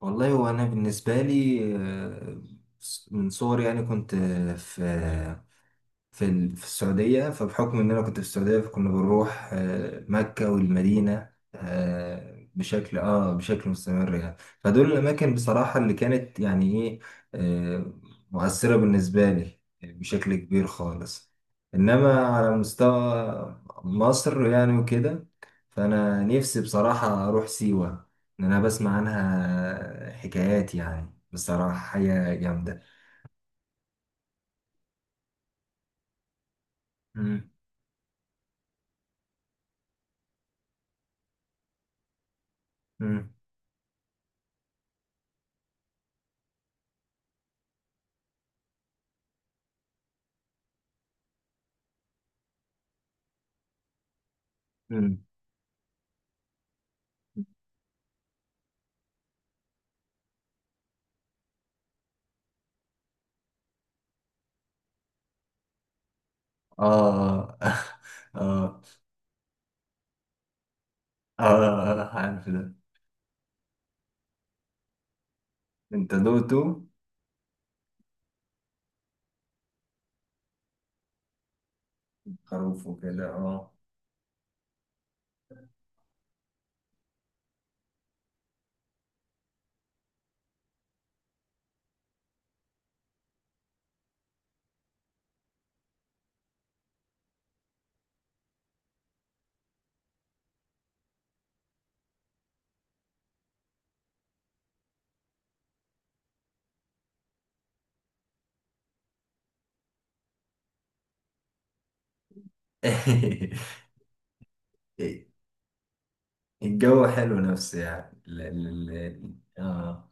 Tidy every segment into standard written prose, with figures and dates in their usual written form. والله وانا بالنسبه لي من صغري يعني كنت آه، في في ال- في السعودية فبحكم إن أنا كنت في السعودية فكنا بنروح مكة والمدينة بشكل مستمر يعني فدول الأماكن بصراحة اللي كانت يعني إيه آه، مؤثرة بالنسبة لي بشكل كبير خالص. إنما على مستوى مصر يعني وكده، فأنا نفسي بصراحة أروح سيوة. إن أنا بسمع عنها حكايات يعني بصراحة حاجة جامدة. مم. مم. مم. اه اه اه اه، اه، اه، عارف ده. انت دوتو خروف وكده اه. الجو حلو نفسي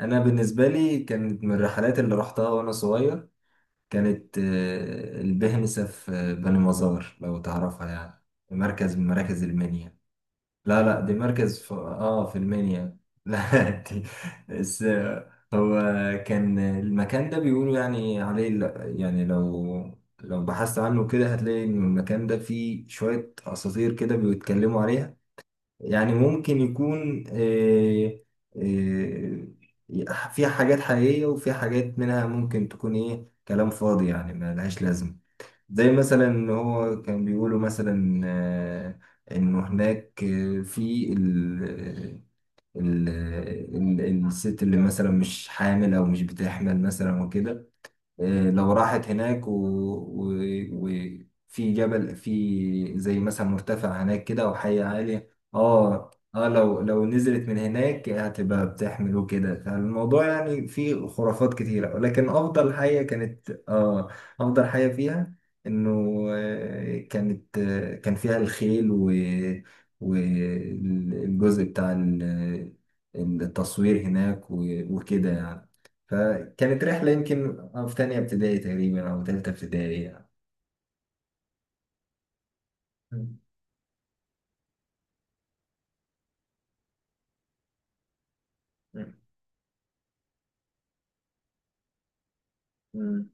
انا بالنسبه لي كانت من الرحلات اللي رحتها وانا صغير. كانت البهنسه في بني مزار لو تعرفها يعني، مركز من مراكز المنيا. لا لا دي مركز في اه في المنيا. لا دي بس. هو كان المكان ده بيقولوا يعني عليه ل- يعني لو لو بحثت عنه كده هتلاقي ان المكان ده فيه شوية اساطير كده بيتكلموا عليها. يعني ممكن يكون فيها حاجات حقيقية وفيها حاجات منها ممكن تكون ايه كلام فاضي يعني ما لهاش لازمة. زي مثلا ان هو كان بيقولوا مثلا انه هناك آه، في ال آه، ال آه، ال- الست اللي مثلا مش حامل او مش بتحمل مثلا وكده. لو راحت هناك و... وفي جبل في زي مثلا مرتفع هناك كده او حي عالي. اه اه لو نزلت من هناك هتبقى بتحمل وكده. فالموضوع يعني فيه خرافات كتيرة ولكن افضل حاجة كانت اه افضل حاجة فيها انه كان فيها الخيل و والجزء بتاع ال- التصوير هناك وكده يعني. كانت رحلة يمكن في تانية ابتدائي تقريبا أو تالتة ابتدائي يعني. مم. مم. مم.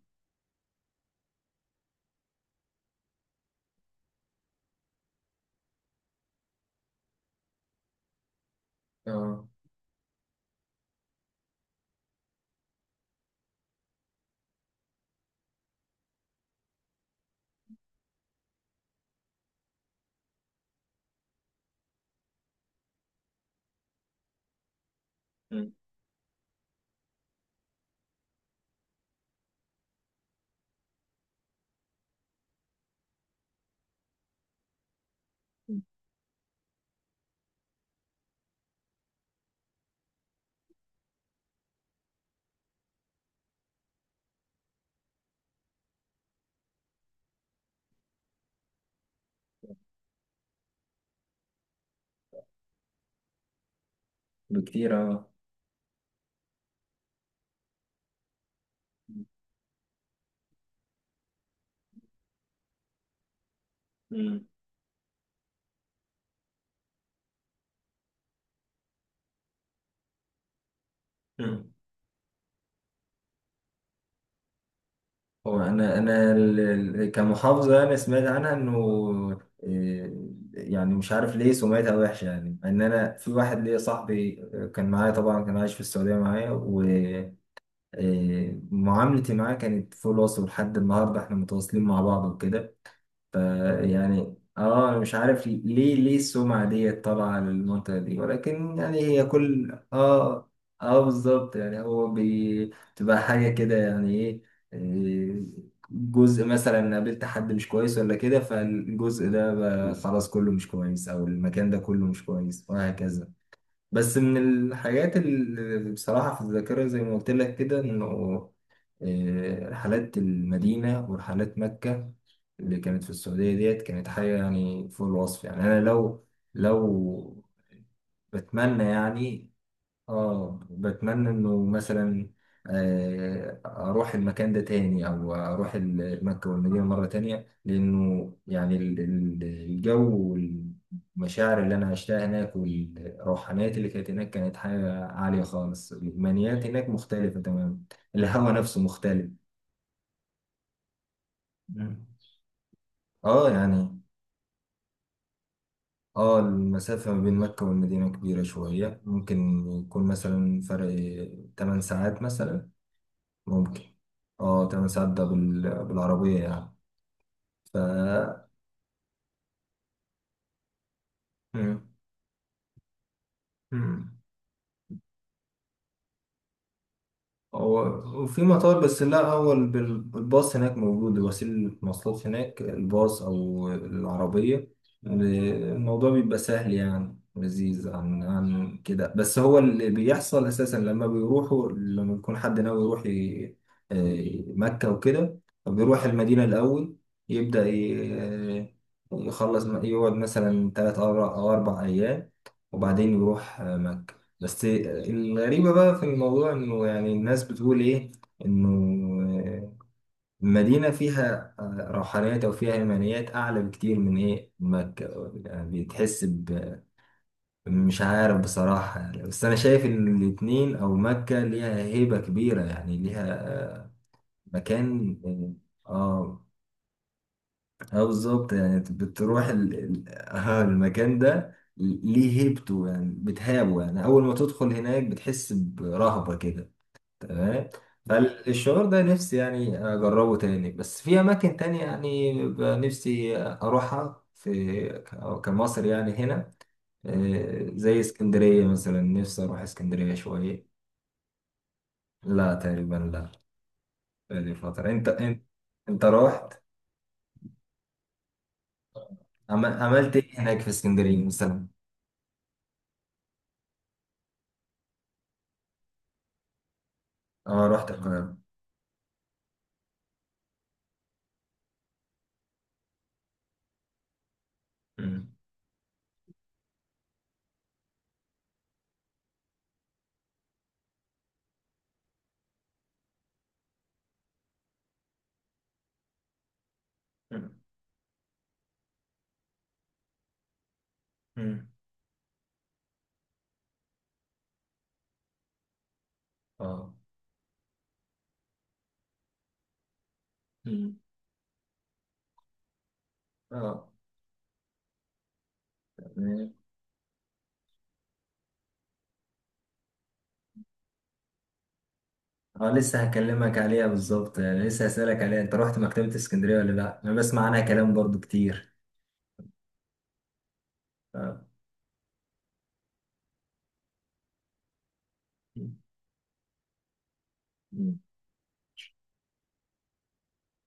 اه بكتير اه. مم. مم. هو كمحافظة أنا سمعت عنها إنه يعني مش عارف ليه سمعتها وحشة يعني. إن أنا في واحد ليا صاحبي كان معايا طبعا، كان عايش في السعودية معايا، ومعاملتي معاه كانت فول. وصل لحد النهاردة إحنا متواصلين مع بعض وكده. ف- يعني اه انا مش عارف ليه السمعة دي طالعة للمنطقة دي، ولكن يعني هي كل اه اه بالظبط يعني هو بتبقى حاجة كده يعني ايه إيه، جزء مثلا قابلت حد مش كويس ولا كده، فالجزء ده بقى خلاص كله مش كويس او المكان ده كله مش كويس وهكذا. بس من الحاجات اللي بصراحة في الذاكرة زي ما قلت لك كده، إنه رحلات المدينة ورحلات مكة اللي كانت في السعودية ديت كانت حاجة يعني فوق الوصف. يعني أنا لو لو بتمنى يعني اه بتمنى انه مثلا اروح المكان ده تاني او اروح مكة والمدينة مرة تانية. لانه يعني الجو والمشاعر اللي انا عشتها هناك والروحانيات اللي كانت هناك كانت حاجة عالية خالص. الايمانيات هناك مختلفة تماما، الهوا نفسه مختلف. مم. اه يعني اه المسافة ما بين مكة والمدينة كبيرة شوية. ممكن يكون مثلا فرق 8 ساعات مثلا ممكن. اه 8 ساعات ده بالعربية يعني. ف مم. مم. هو وفي مطار بس لا الباص هناك موجود، وسيلة مواصلات هناك الباص أو العربية. الموضوع بيبقى سهل يعني لذيذ عن كده. بس هو اللي بيحصل أساسا لما بيروحوا لما بيكون حد ناوي يروح مكة وكده، بيروح المدينة الأول. يبدأ ي- يخلص يقعد مثلا تلات أو أربع أيام وبعدين يروح مكة. بس الغريبة بقى في الموضوع إنه يعني الناس بتقول إيه، إنه المدينة فيها روحانيات أو فيها إيمانيات أعلى بكتير من إيه مكة. يعني بتحس ب مش عارف بصراحة يعني. بس أنا شايف إن الاتنين أو مكة ليها هيبة كبيرة يعني ليها آه، مكان. آه آه بالظبط يعني بتروح المكان ده ليه هيبته يعني بتهابه يعني أول ما تدخل هناك بتحس برهبة كده. تمام. فالشعور ده نفسي يعني أجربه تاني بس في أماكن تانية، يعني بيبقى نفسي أروحها كمصر يعني هنا. زي اسكندرية مثلا، نفسي أروح اسكندرية شوية. لا تقريبا لا. بقالي فترة. أنت أنت روحت عم- عملت إيه هناك في اسكندرية مثلا؟ أه رحت القاهرة. أمم. أمم. أمم. أه أمم. أه اه لسه هكلمك عليها بالظبط يعني، لسه هسألك عليها. انت رحت مكتبة اسكندرية ولا لا؟ انا بسمع عنها كلام برضو كتير. اه. مم.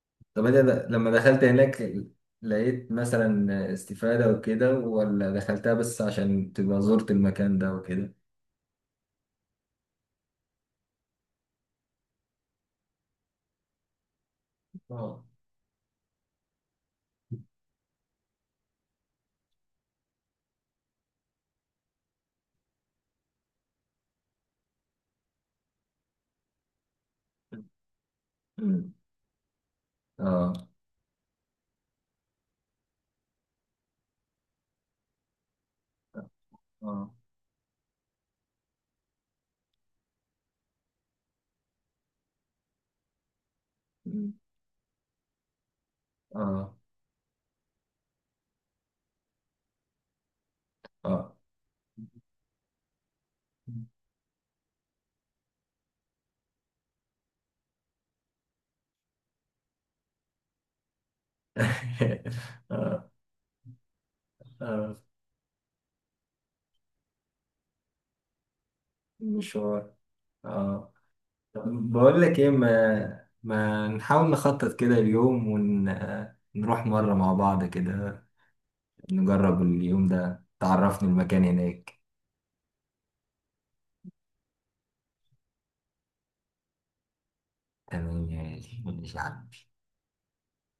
طب انت د- لما دخلت هناك لقيت مثلا استفادة وكده، ولا دخلتها بس عشان تبقى زرت المكان ده وكده؟ اه مم. اه اه مم. اه اه اه اه مشوار اه. بقول لك ايه، ما ما نحاول نخطط كده اليوم ونروح مرة مع بعض كده. نجرب اليوم ده، تعرفني المكان هناك. تمام يا غالي، ماشي يا عم.